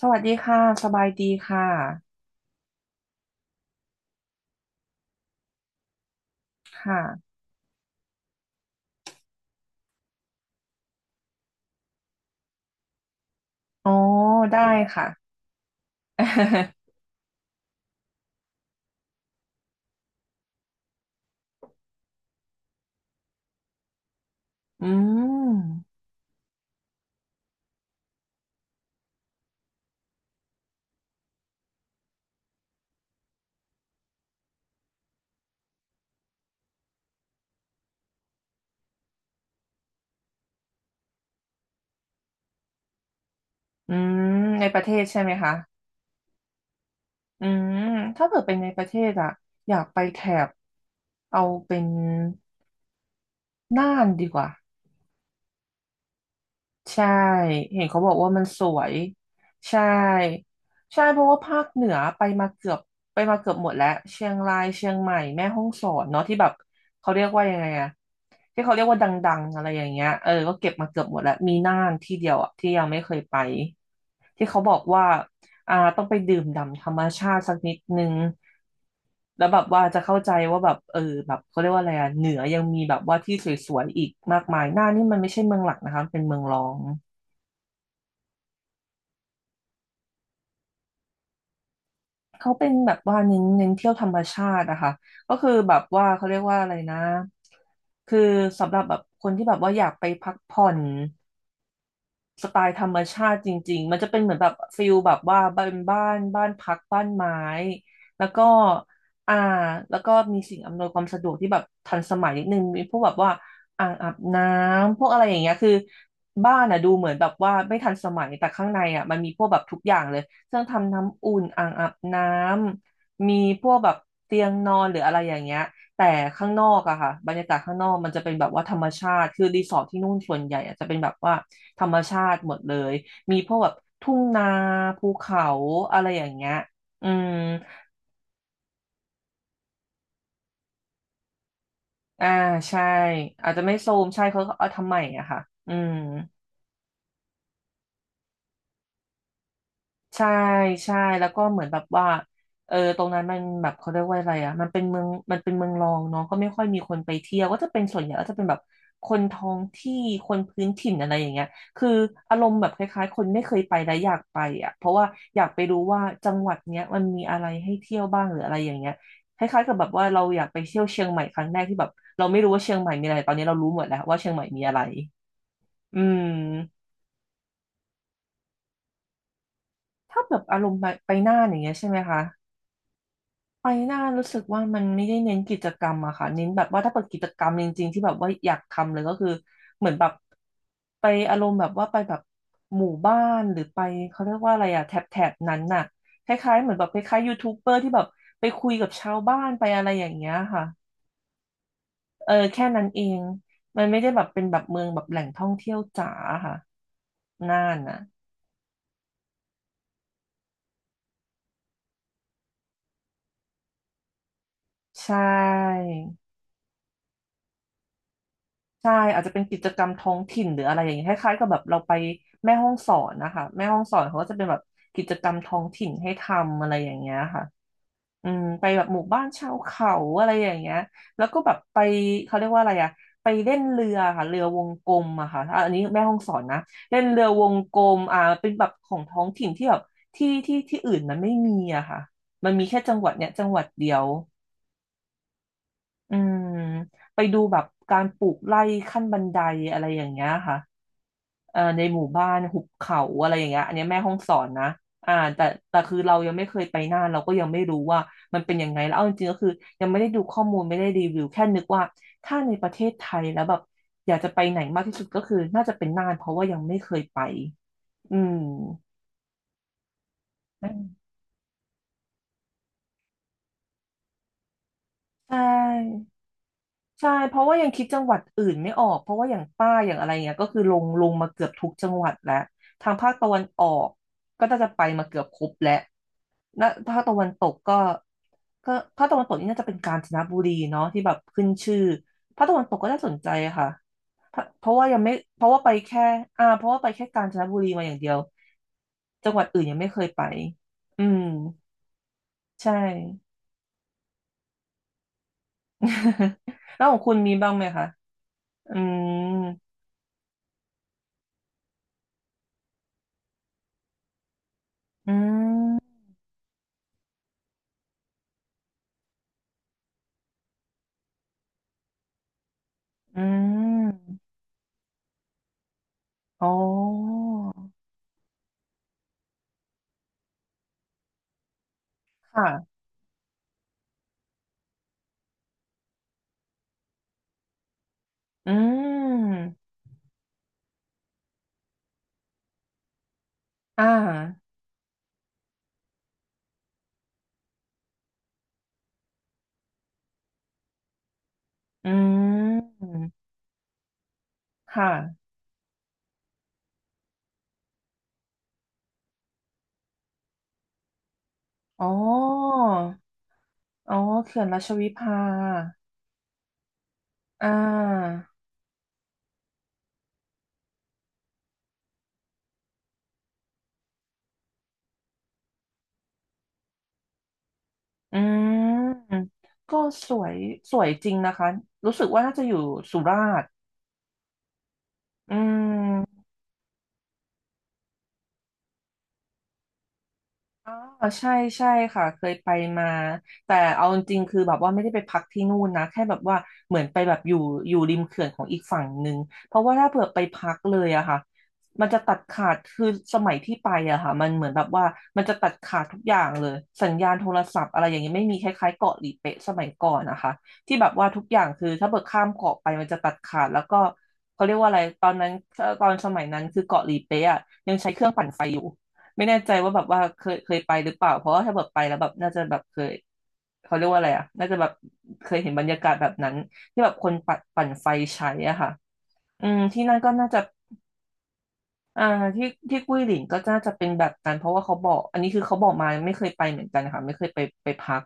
สวัสดีค่ะ สบายดีค่ะค่ะอ๋อได้ค่ะ อืมอืมในประเทศใช่ไหมคะอืมถ้าเกิดเป็นในประเทศอะอยากไปแถบเอาเป็นน่านดีกว่า ใช่เห็นเขาบอกว่ามันสวยใช่ใช่เพราะว่าภาคเหนือไปมาเกือบหมดแล้วเชียงรายเชียงใหม่แม่ฮ่องสอนเนาะที่แบบเขาเรียกว่ายังไงอะที่เขาเรียกว่าดังๆอะไรอย่างเงี้ยก็เก็บมาเกือบหมดแล้วมีน่านที่เดียวอะที่ยังไม่เคยไปที่เขาบอกว่าอ่าต้องไปดื่มด่ำธรรมชาติสักนิดนึงแล้วแบบว่าจะเข้าใจว่าแบบแบบเขาเรียกว่าอะไรอะเหนือยังมีแบบว่าที่สวยๆอีกมากมายน่านนี่มันไม่ใช่เมืองหลักนะคะมันเป็นเมืองรอง เขาเป็นแบบว่าเน้นเที่ยวธรรมชาติอะค่ะก็คือแบบว่าเขาเรียกว่าอะไรนะคือสำหรับแบบคนที่แบบว่าอยากไปพักผ่อน สไตล์ธรรมชาติจริงๆมันจะเป็นเหมือนแบบฟิลแบบว่าบ้านพักบ้านไม้แล้วก็อ่าแล้วก็มีสิ่งอำนวยความสะดวกที่แบบทันสมัยนิดนึงมีพวกแบบว่าอ่างอาบน้ำพวกอะไรอย่างเงี้ยคือบ้านอ่ะดูเหมือนแบบว่าไม่ทันสมัยแต่ข้างในอ่ะมันมีพวกแบบทุกอย่างเลยเครื่องทำน้ำอุ่นอ่างอาบน้ำมีพวกแบบเตียงนอนหรืออะไรอย่างเงี้ยแต่ข้างนอกอะค่ะบรรยากาศข้างนอกมันจะเป็นแบบว่าธรรมชาติคือรีสอร์ทที่นู่นส่วนใหญ่อะจะเป็นแบบว่า ธรรมชาติหมดเลย มีพวกแบบทุ่งนาภูเขาอะไรอย่างเงี้ยอืม อ่า ใช่ อาจจะไม่โซมใช่ เขาเอาทำใหม่อะค่ะอืม ใช่ใช่แล้วก็เหมือนแบบว่าตรงนั้นมันแบบเขาเรียกว่าอะไรอ่ะมันเป็นเมืองรองเนาะก็ไม่ค่อยมีคนไปเที่ยวก็จะเป็นส่วนใหญ่ก็จะเป็นแบบคนท้องที่คนพื้นถิ่นอะไรอย่างเงี้ยคืออารมณ์แบบคล้ายๆคนไม่เคยไปและอยากไปอ่ะเพราะว่าอยากไปรู้ว่าจังหวัดเนี้ยมันมีอะไรให้เที่ยวบ้างหรืออะไรอย่างเงี้ยคล้ายๆกับแบบว่าเราอยากไปเที่ยวเชียงใหม่ครั้งแรกที่แบบเราไม่รู้ว่าเชียงใหม่มีอะไรตอนนี้เรารู้หมดแล้วว่าเชียงใหม่มีอะไรอืมถ้าแบบอารมณ์ไปน่านอย่างเงี้ยใช่ไหมคะ ไปหน้ารู้สึกว่ามันไม่ได้เน้นกิจกรรมอะค่ะเน้นแบบว่าถ้าเปิดกิจกรรมจริงๆที่แบบว่าอยากทำเลยก็คือเหมือนแบบไปอารมณ์แบบว่าไปแบบหมู่บ้านหรือไปเขาเรียกว่าอะไรอะแถบนั้นน่ะคล้ายๆเหมือนแบบคล้ายๆยูทูบเบอร์ที่แบบไปคุยกับชาวบ้านไปอะไรอย่างเงี้ยค่ะแค่นั้นเองมันไม่ได้แบบเป็นแบบเมืองแบบแหล่งท่องเที่ยวจ๋าค่ะน่านน่ะใช่ ใช่อาจจะเป็นกิจกรรมท้องถิ่นหรืออะไรอย่างเงี้ยคล้ายๆกับแบบเราไปแม่ห้องสอนนะคะแม่ห้องสอนเขาก็จะเป็นแบบกิจกรรมท้องถิ่นให้ทำอะไรอย่างเงี้ยค่ะอืมไปแบบหมู่บ้านชาวเขาอะไรอย่างเงี้ยแล้วก็แบบไปเขาเรียกว่าอะไรอะไปเล่นเรือค่ะเรือวงกลมอะค่ะอ่ะอันนี้แม่ห้องสอนนะเล่นเรือวงกลมอ่าเป็นแบบของท้องถิ่นที่แบบที่อื่นมันไม่มีอะค่ะมันมีแค่จังหวัดเนี้ยจังหวัดเดียวอืมไปดูแบบการปลูกไร่ขั้นบันไดอะไรอย่างเงี้ยค่ะ ในหมู่บ้านหุบเขาอะไรอย่างเงี้ยอันเนี้ยแม่ฮ่องสอนนะอ่าแต่คือเรายังไม่เคยไปน่านเราก็ยังไม่รู้ว่ามันเป็นยังไงแล้วเอาจริงๆก็คือยังไม่ได้ดูข้อมูลไม่ได้รีวิวแค่นึกว่าถ้าในประเทศไทยแล้วแบบอยากจะไปไหนมากที่สุดก็คือน่าจะเป็นน่านเพราะว่ายังไม่เคยไปอืมอใช่ใช่เพราะว่ายังคิดจังหวัดอื่นไม่ออกเพราะว่าอย่างใต้อย่างอะไรเงี้ยก็คือลงมาเกือบทุกจังหวัดแล้วทางภาคตะวันออกก็น่าจะไปมาเกือบครบแล้ว นะถ้าคตะวันตกก็ก็ภาคตะวันตกนี่น่าจะเป็นกาญจนบุรีเนาะที่แบบขึ้นชื่อภาคตะวันตกก็น่าสนใจอะค่ะเพราะว่ายังไม่เพราะว่าไปแค่อ่าเพราะว่าไปแค่กาญจนบุรีมาอย่างเดียวจังหวัดอื่นยังไม่เคยไปอืมใช่ แล้วของคุณมีบ้างไหมคะอืมอืมอืมอ๋อค่ะอืมอ่าอืมค่ะอ๋อ อ๋อเขื่อนราชวิภา อ่า อืม ก็สวย สวยจริงนะคะ รู้สึกว่าน่าจะอยู่สุราษฎร์อืม อ๋อใช่ใช่ค่ะเคยไปมาแต่เอาจริงๆคือแบบว่าไม่ได้ไปพักที่นู่นนะแค่แบบว่าเหมือนไปแบบอยู่ริมเขื่อนของอีกฝั่งหนึ่งเพราะว่าถ้าเผื่อไปพักเลยอะค่ะมันจะตัดขาดคือสมัยที่ไปอะค่ะมันเหมือนแบบว่ามันจะตัดขาดทุกอย่างเลยสัญญาณโทรศัพท์อะไรอย่างเงี้ยไม่มีคล้ายๆเกาะหลีเป๊ะสมัยก่อนนะคะที่แบบว่าทุกอย่างคือถ้าเบิกข้ามเกาะไปมันจะตัดขาดแล้วก็เขาเรียกว่าอะไรตอนนั้นตอนสมัยนั้นคือเกาะหลีเป๊ะอะยังใช้เครื่องปั่นไฟอยู่ ไม่แน่ใจว่าแบบว่าเคยไปหรือเปล่าเพราะว่าถ้าแบบไปแล้วแบบน่าจะแบบเคยเขาเรียกว่าอะไรอ่ะน่าจะแบบเคยเห็นบรรยากาศแบบนั้นที่แบบคนปัดปั่นไฟใช้อ่ะค่ะอืมที่นั่นก็น่าจะอ่าที่กุ้ยหลินก็น่าจะเป็นแบบนั้นเพราะว่าเขาบอกอันนี้คือเขาบอกมาไม่เคยไปเหมือนกันค่ะไม่เคยไปไปพัก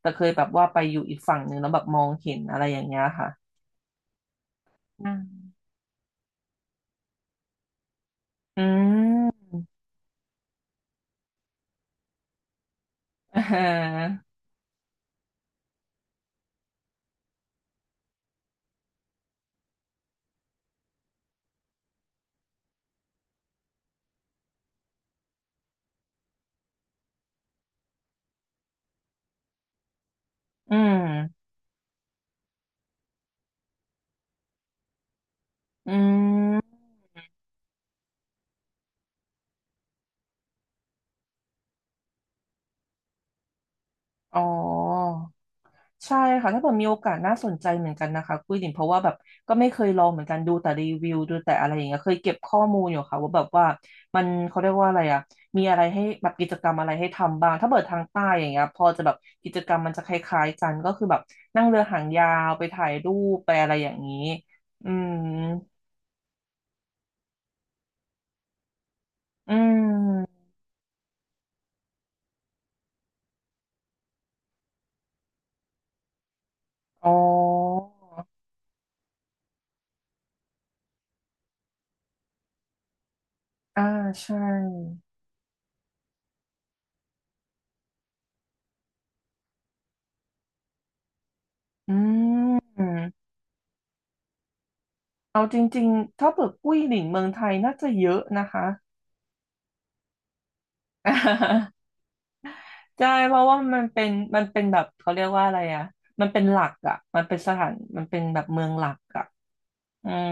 แต่เคยแบบว่าไปอยู่อีกฝั่งหนึ่งแล้วแบบมองเห็นอะไรอย่างเงี้ยค่ะอ่าอืม อ่าอืมอืมอ๋อ ใช่ค่ะถ้าเกิดมีโอกาสน่าสนใจเหมือนกันนะคะกุ้ยหลินเพราะว่าแบบก็ไม่เคยลองเหมือนกันดูแต่รีวิวดูแต่อะไรอย่างเงี้ยเคยเก็บข้อมูลอยู่ค่ะว่าแบบว่ามันเขาเรียกว่าอะไรอ่ะมีอะไรให้แบบกิจกรรมอะไรให้ทำบ้างถ้าเปิดทางใต้อย่างเงี้ยพอจะแบบกิจกรรมมันจะคล้ายๆกันก็คือแบบนั่งเรือหางยาวไปถ่ายรูปไปอะไรอย่างนี้อืมอืมอ๋ออ่าใช่อืมเอาจริงๆถ้าเปิดกุ้ยหลินเมืองไทยน่าจะเยอะนะคะ ใช่เพราะว่ามันเป็นมันเป็นแบบเขาเรียกว่าอะไรอ่ะมันเป็นหลักอ่ะมันเป็นสถานมันเป็นแบบเมืองหลักอ่ะอืม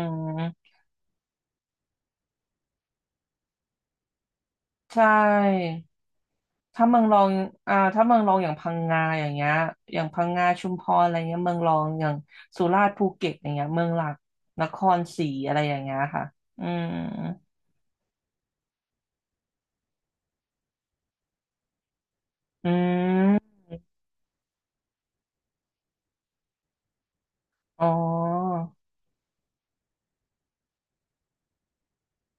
ใช่ถ้าเมืองรองอ่าถ้าเมืองรองอย่างพังงาอย่างเงี้ยอย่างพังงาชุมพรอะไรเงี้ยเมืองรองอย่างสุราษฎร์ภูเก็ตอย่างเงี้ยเมืองหลักนครศรีอะไรอย่างเงี้ยค่ะอืมอืมอ๋อ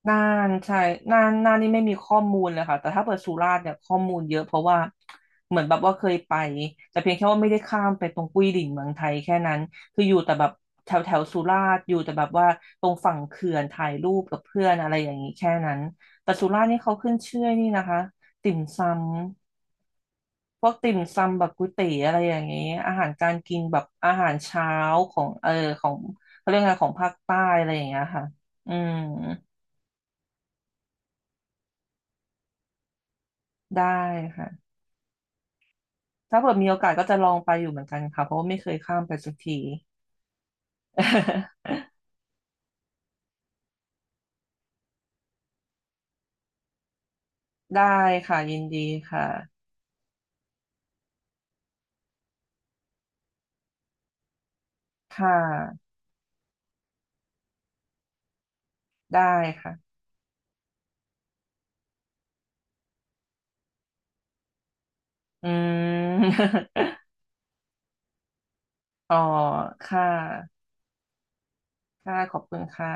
น่านใช่น่านน่านนี่ไม่มีข้อมูลเลยค่ะแต่ถ้าเปิดสุราษฎร์เนี่ยข้อมูลเยอะเพราะว่าเหมือนแบบว่าเคยไปแต่เพียงแค่ว่าไม่ได้ข้ามไปตรงกุ้ยดิ่งเมืองไทยแค่นั้นคืออยู่แต่แบบแถวแถวสุราษฎร์อยู่แต่แบบว่าตรงฝั่งเขื่อนถ่ายรูปกับเพื่อนอะไรอย่างนี้แค่นั้นแต่สุราษฎร์นี่เขาขึ้นชื่อนี่นะคะติ่มซำพวกติ่มซำแบบก๋วยเตี๋ยวอะไรอย่างนี้อาหารการกินแบบอาหารเช้าของของเขาเรียกไงของภาคใต้อะไรอย่างเงี้ยค่ะอืมได้ค่ะ ถ้าเกิดมีโอกาสก็จะลองไปอยู่เหมือนกันค่ะเพราะว่าไม่เคยข้ามไปสักที ได้ค่ะยินดีค่ะค่ะได้ค่ะอืม อ๋อค่ะค่ะขอบคุณค่ะ